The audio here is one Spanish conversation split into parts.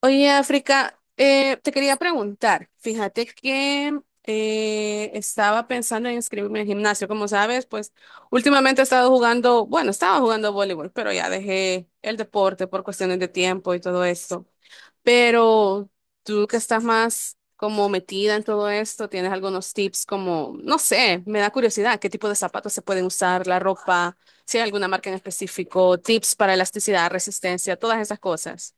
Oye, África, te quería preguntar, fíjate que estaba pensando en inscribirme en gimnasio, como sabes, pues últimamente he estado jugando, bueno, estaba jugando voleibol, pero ya dejé el deporte por cuestiones de tiempo y todo esto. Pero tú que estás más como metida en todo esto, ¿tienes algunos tips como, no sé, me da curiosidad, qué tipo de zapatos se pueden usar, la ropa, si hay alguna marca en específico, tips para elasticidad, resistencia, todas esas cosas?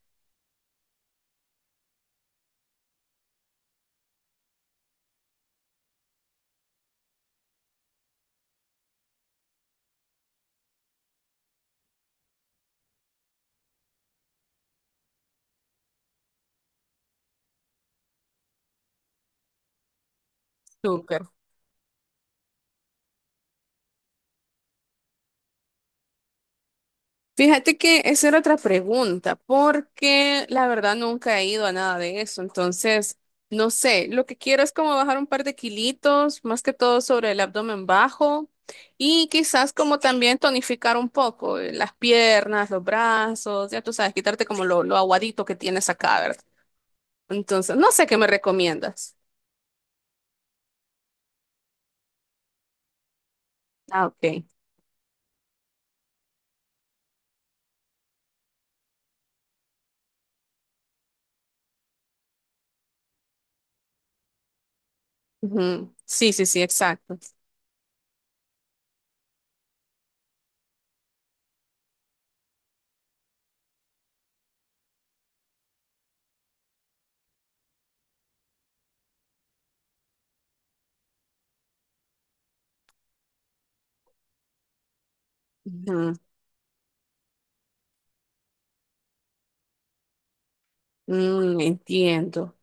Tú. Fíjate que esa era otra pregunta, porque la verdad nunca he ido a nada de eso, entonces no sé, lo que quiero es como bajar un par de kilitos, más que todo sobre el abdomen bajo y quizás como también tonificar un poco las piernas, los brazos, ya tú sabes, quitarte como lo aguadito que tienes acá, ¿verdad? Entonces, no sé qué me recomiendas. Ah, ok. Ujú. Sí, sí, sí, exacto. Ujú. Mm, entiendo.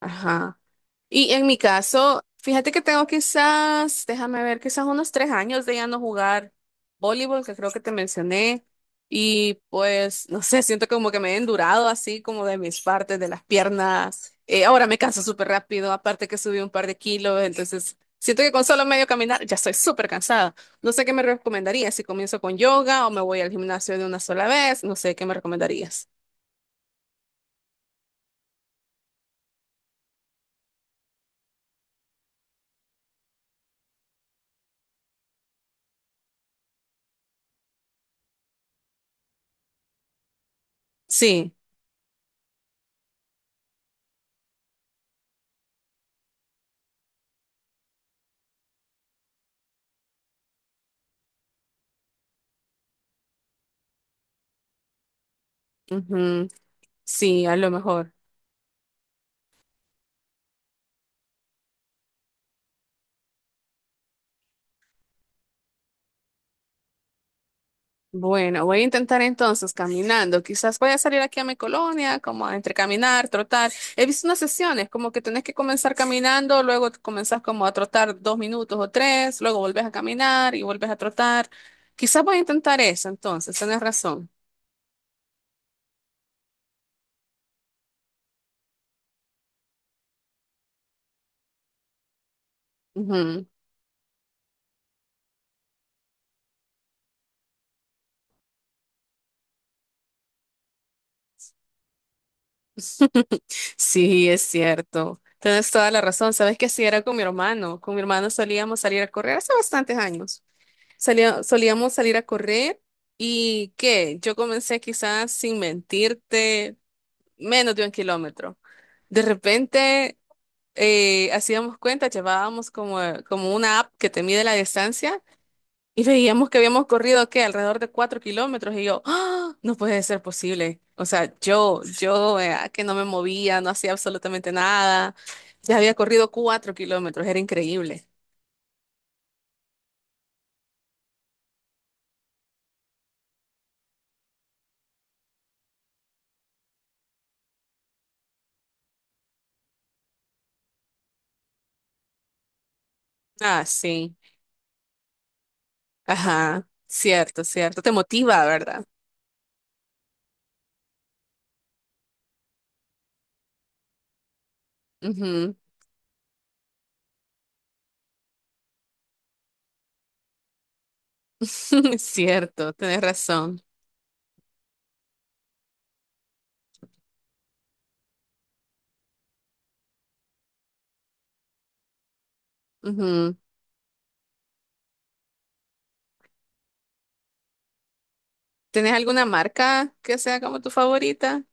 Ajá. Y en mi caso, fíjate que tengo quizás, déjame ver, quizás unos 3 años de ya no jugar voleibol, que creo que te mencioné. Y pues, no sé, siento como que me he endurado así como de mis partes, de las piernas. Ahora me canso súper rápido, aparte que subí un par de kilos, entonces siento que con solo medio caminar ya estoy súper cansada. No sé qué me recomendarías, si comienzo con yoga o me voy al gimnasio de una sola vez, no sé qué me recomendarías. Sí, ujú, sí, a lo mejor. Bueno, voy a intentar entonces caminando. Quizás voy a salir aquí a mi colonia, como a entre caminar, trotar. He visto unas sesiones, como que tenés que comenzar caminando, luego comenzás como a trotar 2 minutos o 3, luego volvés a caminar y volvés a trotar. Quizás voy a intentar eso entonces, tenés razón. Ujú. Sí, es cierto. Tienes toda la razón. Sabes que así era con mi hermano. Con mi hermano solíamos salir a correr hace bastantes años. Solíamos salir a correr y ¿qué? Yo comencé quizás sin mentirte menos de un kilómetro. De repente hacíamos cuenta, llevábamos como, como una app que te mide la distancia y veíamos que habíamos corrido ¿qué? Alrededor de 4 kilómetros y yo, ¡Ah! No puede ser posible. O sea, yo que no me movía, no hacía absolutamente nada, ya había corrido 4 kilómetros, era increíble. Ah, sí. Ajá, cierto, cierto. Te motiva, ¿verdad? Ujú. Cierto, tenés razón. Ujú. ¿Tenés alguna marca que sea como tu favorita?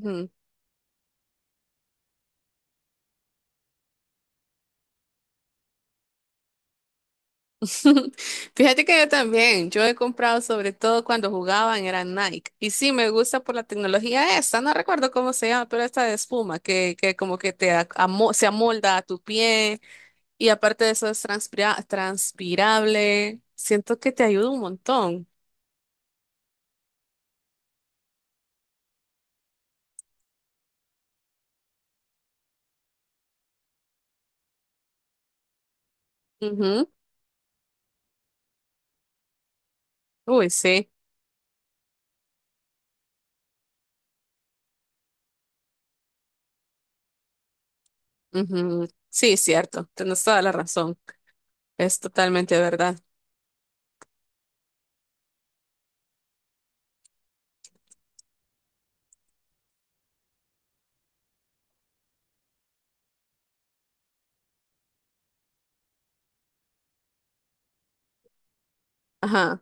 Ujú. Fíjate que yo también, yo he comprado sobre todo cuando jugaban, era Nike. Y sí, me gusta por la tecnología esta, no recuerdo cómo se llama, pero esta de espuma que como que te se amolda a tu pie y aparte de eso es transpirable. Siento que te ayuda un montón. Ujú. Uy, sí. Ujú. Sí, cierto, tienes toda la razón. Es totalmente verdad. Ajá.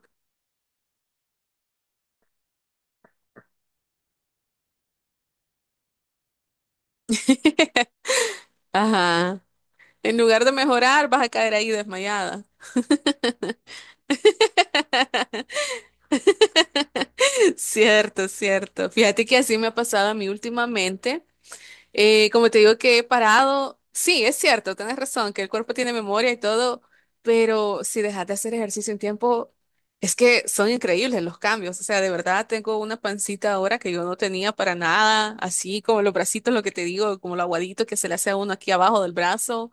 Ajá. En lugar de mejorar, vas a caer ahí desmayada. Cierto, cierto. Fíjate que así me ha pasado a mí últimamente. Como te digo que he parado, sí, es cierto, tienes razón, que el cuerpo tiene memoria y todo, pero si dejas de hacer ejercicio un tiempo, es que son increíbles los cambios. O sea, de verdad tengo una pancita ahora que yo no tenía para nada, así como los bracitos, lo que te digo, como lo aguadito que se le hace a uno aquí abajo del brazo.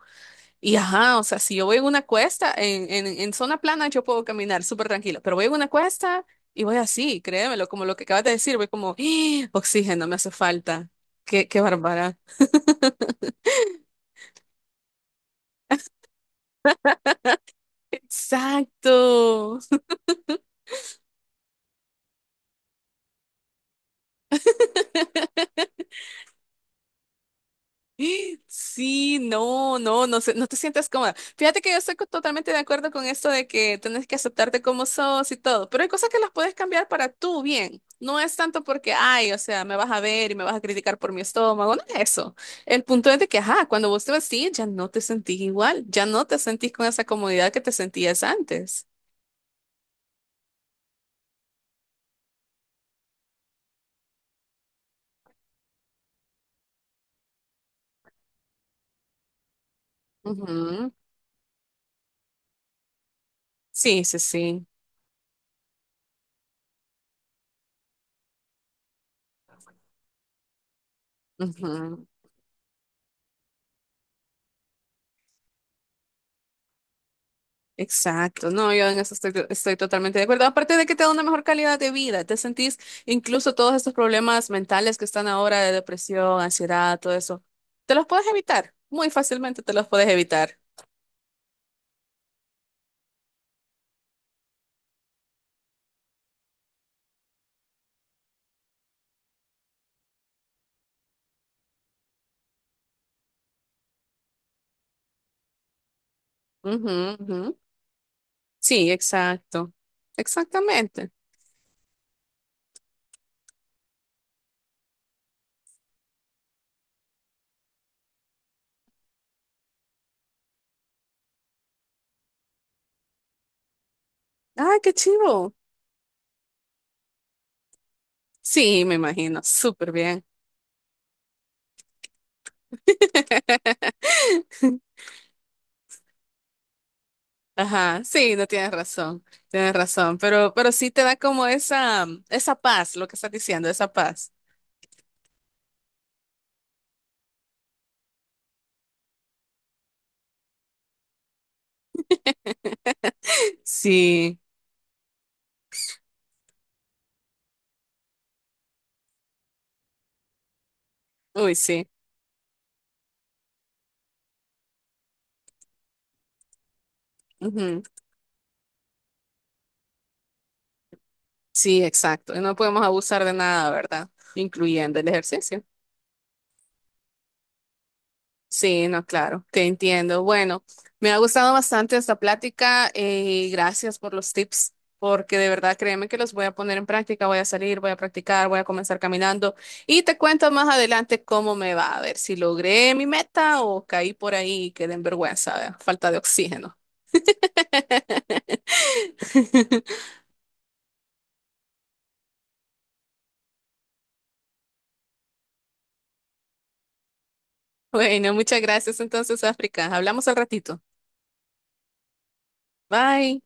Y ajá, o sea, si yo voy en una cuesta, en zona plana yo puedo caminar súper tranquilo, pero voy en una cuesta y voy así, créemelo, como lo que acabas de decir, voy como, ¡Ah! Oxígeno, me hace falta. Qué bárbara. Exacto. Sí, no, no, no, no te sientas cómoda. Fíjate que yo estoy totalmente de acuerdo con esto de que tenés que aceptarte como sos y todo, pero hay cosas que las puedes cambiar para tu bien. No es tanto porque, ay, o sea, me vas a ver y me vas a criticar por mi estómago, no es eso. El punto es de que, ajá, cuando vos te vestís ya no te sentís igual, ya no te sentís con esa comodidad que te sentías antes. Ujú. Sí, sí, sí. Exacto, no, yo en eso estoy, estoy totalmente de acuerdo. Aparte de que te da una mejor calidad de vida, te sentís incluso todos estos problemas mentales que están ahora de depresión, ansiedad, todo eso, te los puedes evitar, muy fácilmente te los puedes evitar. Ujú, ujú. Sí, exacto, exactamente. Ay, qué chivo. Sí, me imagino, súper bien. Ajá, sí, no tienes razón, tienes razón, pero sí te da como esa paz, lo que estás diciendo, esa paz. Sí, uy, sí. Ujú. Sí, exacto. Y no podemos abusar de nada, ¿verdad? Incluyendo el ejercicio. Sí, no, claro, te entiendo. Bueno, me ha gustado bastante esta plática y gracias por los tips, porque de verdad créeme que los voy a poner en práctica, voy a salir, voy a practicar, voy a comenzar caminando y te cuento más adelante cómo me va, a ver si logré mi meta o caí por ahí y quedé en vergüenza, ¿verdad? Falta de oxígeno. Bueno, muchas gracias entonces, África. Hablamos al ratito. Bye.